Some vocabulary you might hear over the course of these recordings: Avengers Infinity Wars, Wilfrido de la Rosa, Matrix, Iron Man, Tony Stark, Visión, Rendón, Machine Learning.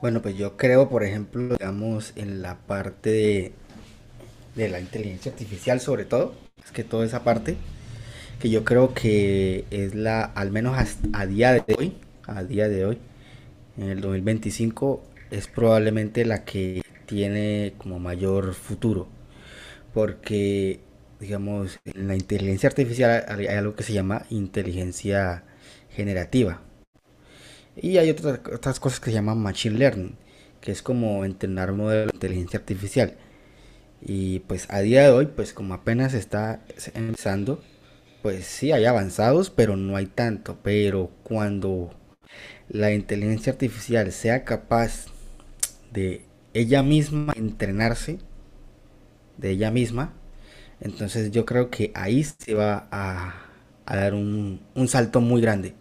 Bueno, pues yo creo, por ejemplo, digamos, en la parte de la inteligencia artificial sobre todo, es que toda esa parte, que yo creo que es la, al menos a día de hoy, a día de hoy, en el 2025, es probablemente la que tiene como mayor futuro, porque, digamos, en la inteligencia artificial hay algo que se llama inteligencia generativa, y hay otras, otras cosas que se llaman Machine Learning, que es como entrenar modelos de inteligencia artificial. Y pues a día de hoy, pues como apenas está empezando, pues sí hay avanzados, pero no hay tanto. Pero cuando la inteligencia artificial sea capaz de ella misma entrenarse, de ella misma, entonces yo creo que ahí se va a dar un, salto muy grande.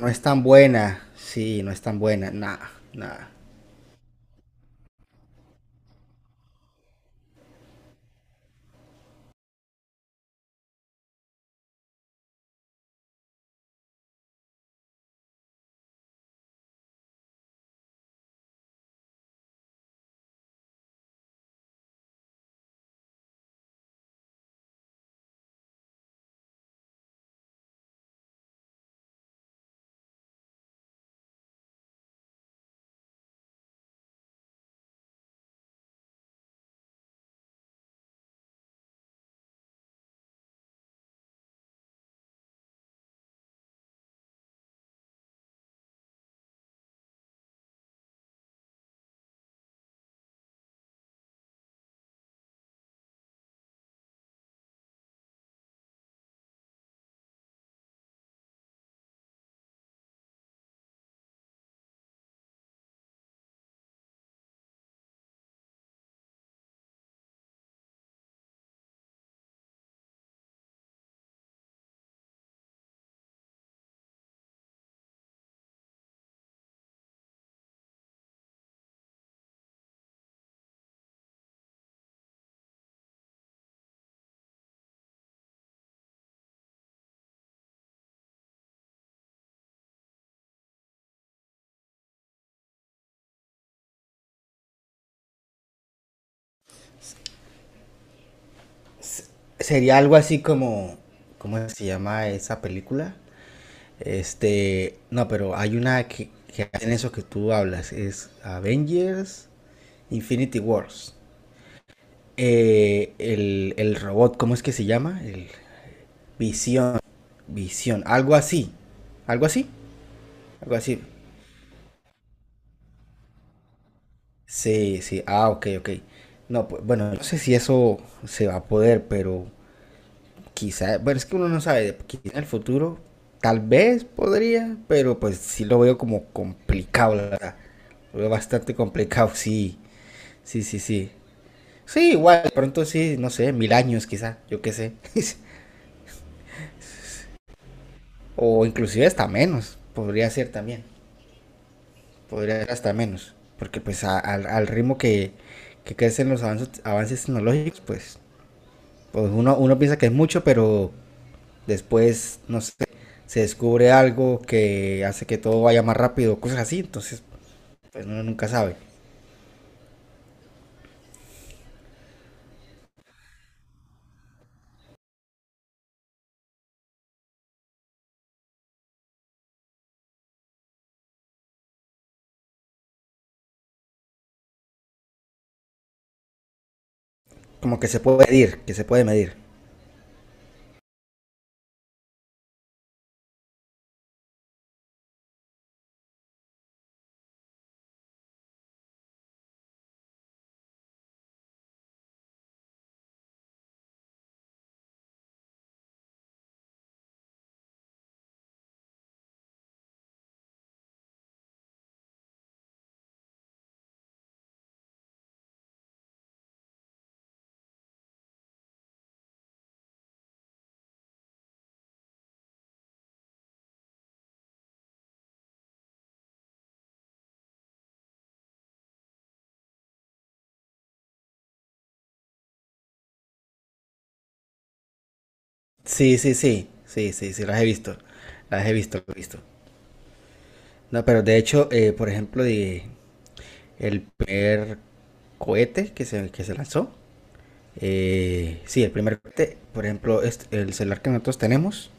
No es tan buena, sí, no es tan buena, nada, nada. Sería algo así como, ¿cómo se llama esa película? Este, no, pero hay una que hacen eso que tú hablas, es Avengers Infinity Wars. El robot, ¿cómo es que se llama? El Visión, Visión, algo así, algo así, algo así. Sí, sí, ah, ok, ok. No, pues, bueno, no sé si eso se va a poder, pero quizá, bueno, es que uno no sabe, quizá en el futuro tal vez podría, pero pues sí lo veo como complicado, la verdad. Lo veo bastante complicado, sí, sí, sí, sí. Sí, igual, de pronto sí, no sé, 1000 años quizá, yo qué sé. O inclusive hasta menos, podría ser también, podría ser hasta menos. Porque pues al, al ritmo que crecen los avances, avances tecnológicos, pues, pues uno, uno piensa que es mucho, pero después, no sé, se descubre algo que hace que todo vaya más rápido, cosas así, entonces pues uno nunca sabe. Como que se puede medir, que se puede medir. Sí, sí, sí, sí, sí, sí, las he visto, las he visto, las he visto. No, pero de hecho, por ejemplo, el primer cohete que se lanzó, sí, el primer cohete, por ejemplo, el celular que nosotros tenemos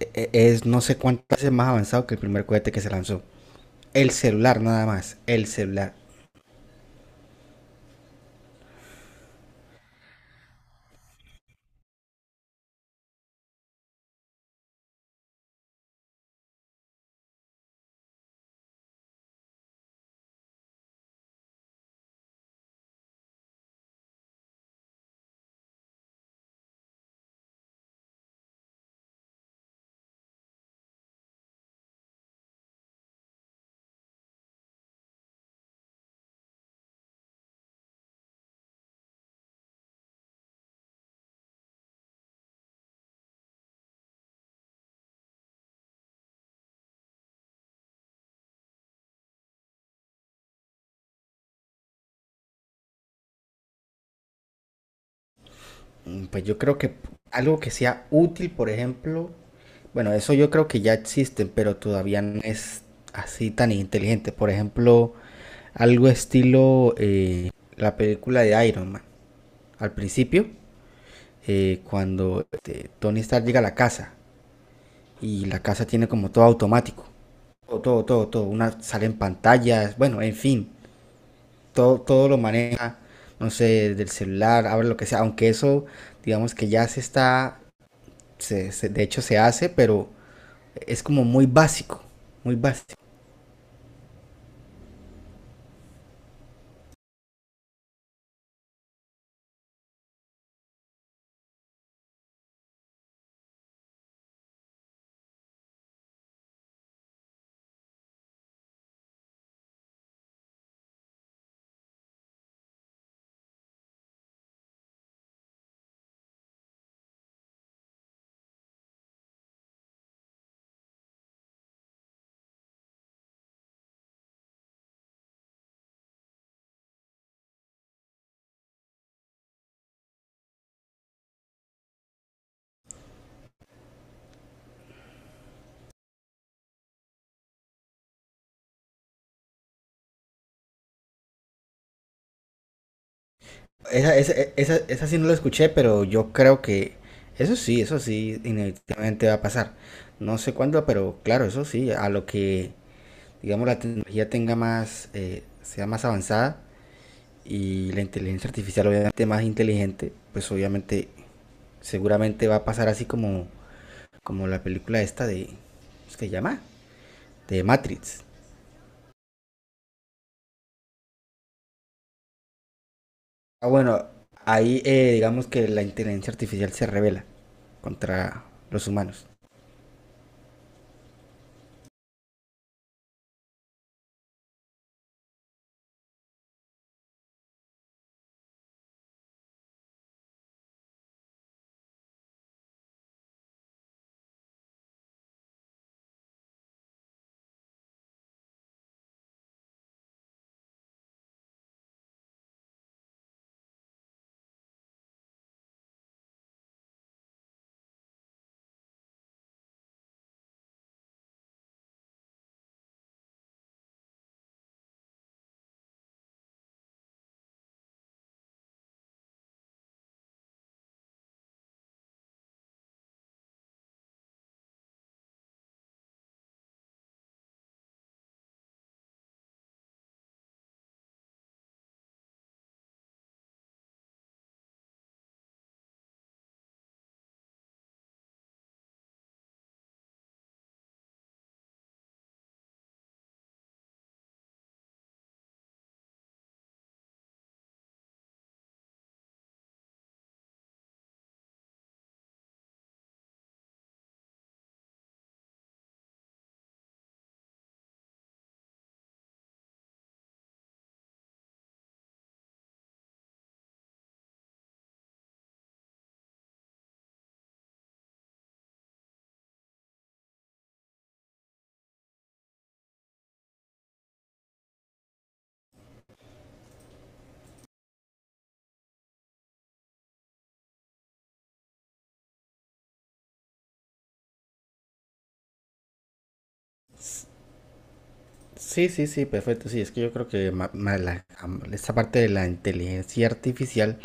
es no sé cuántas veces más avanzado que el primer cohete que se lanzó. El celular nada más, el celular. Pues yo creo que algo que sea útil, por ejemplo, bueno, eso yo creo que ya existen, pero todavía no es así tan inteligente. Por ejemplo, algo estilo la película de Iron Man. Al principio, cuando este, Tony Stark llega a la casa y la casa tiene como todo automático. Todo, todo, todo, todo. Una sale en pantallas, bueno, en fin, todo, todo lo maneja, no sé, del celular, abre lo que sea. Aunque eso, digamos que ya se está de hecho se hace, pero es como muy básico, muy básico. Esa sí no lo escuché, pero yo creo que eso sí, inevitablemente va a pasar. No sé cuándo, pero claro, eso sí, a lo que, digamos, la tecnología tenga más, sea más avanzada y la inteligencia artificial obviamente más inteligente, pues obviamente, seguramente va a pasar así como, como la película esta de, ¿cómo se llama? De Matrix. Ah, bueno, ahí digamos que la inteligencia artificial se revela contra los humanos. S- Sí, sí, sí, perfecto. Sí, es que yo creo que esta parte de la inteligencia artificial,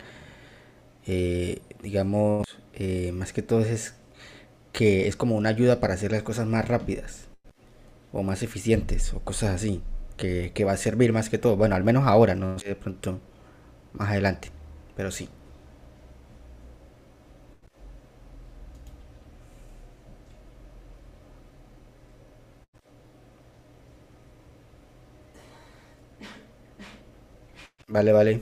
digamos, más que todo es que es como una ayuda para hacer las cosas más rápidas o más eficientes o cosas así, que va a servir más que todo. Bueno, al menos ahora, no sé de pronto más adelante, pero sí. Vale, vale.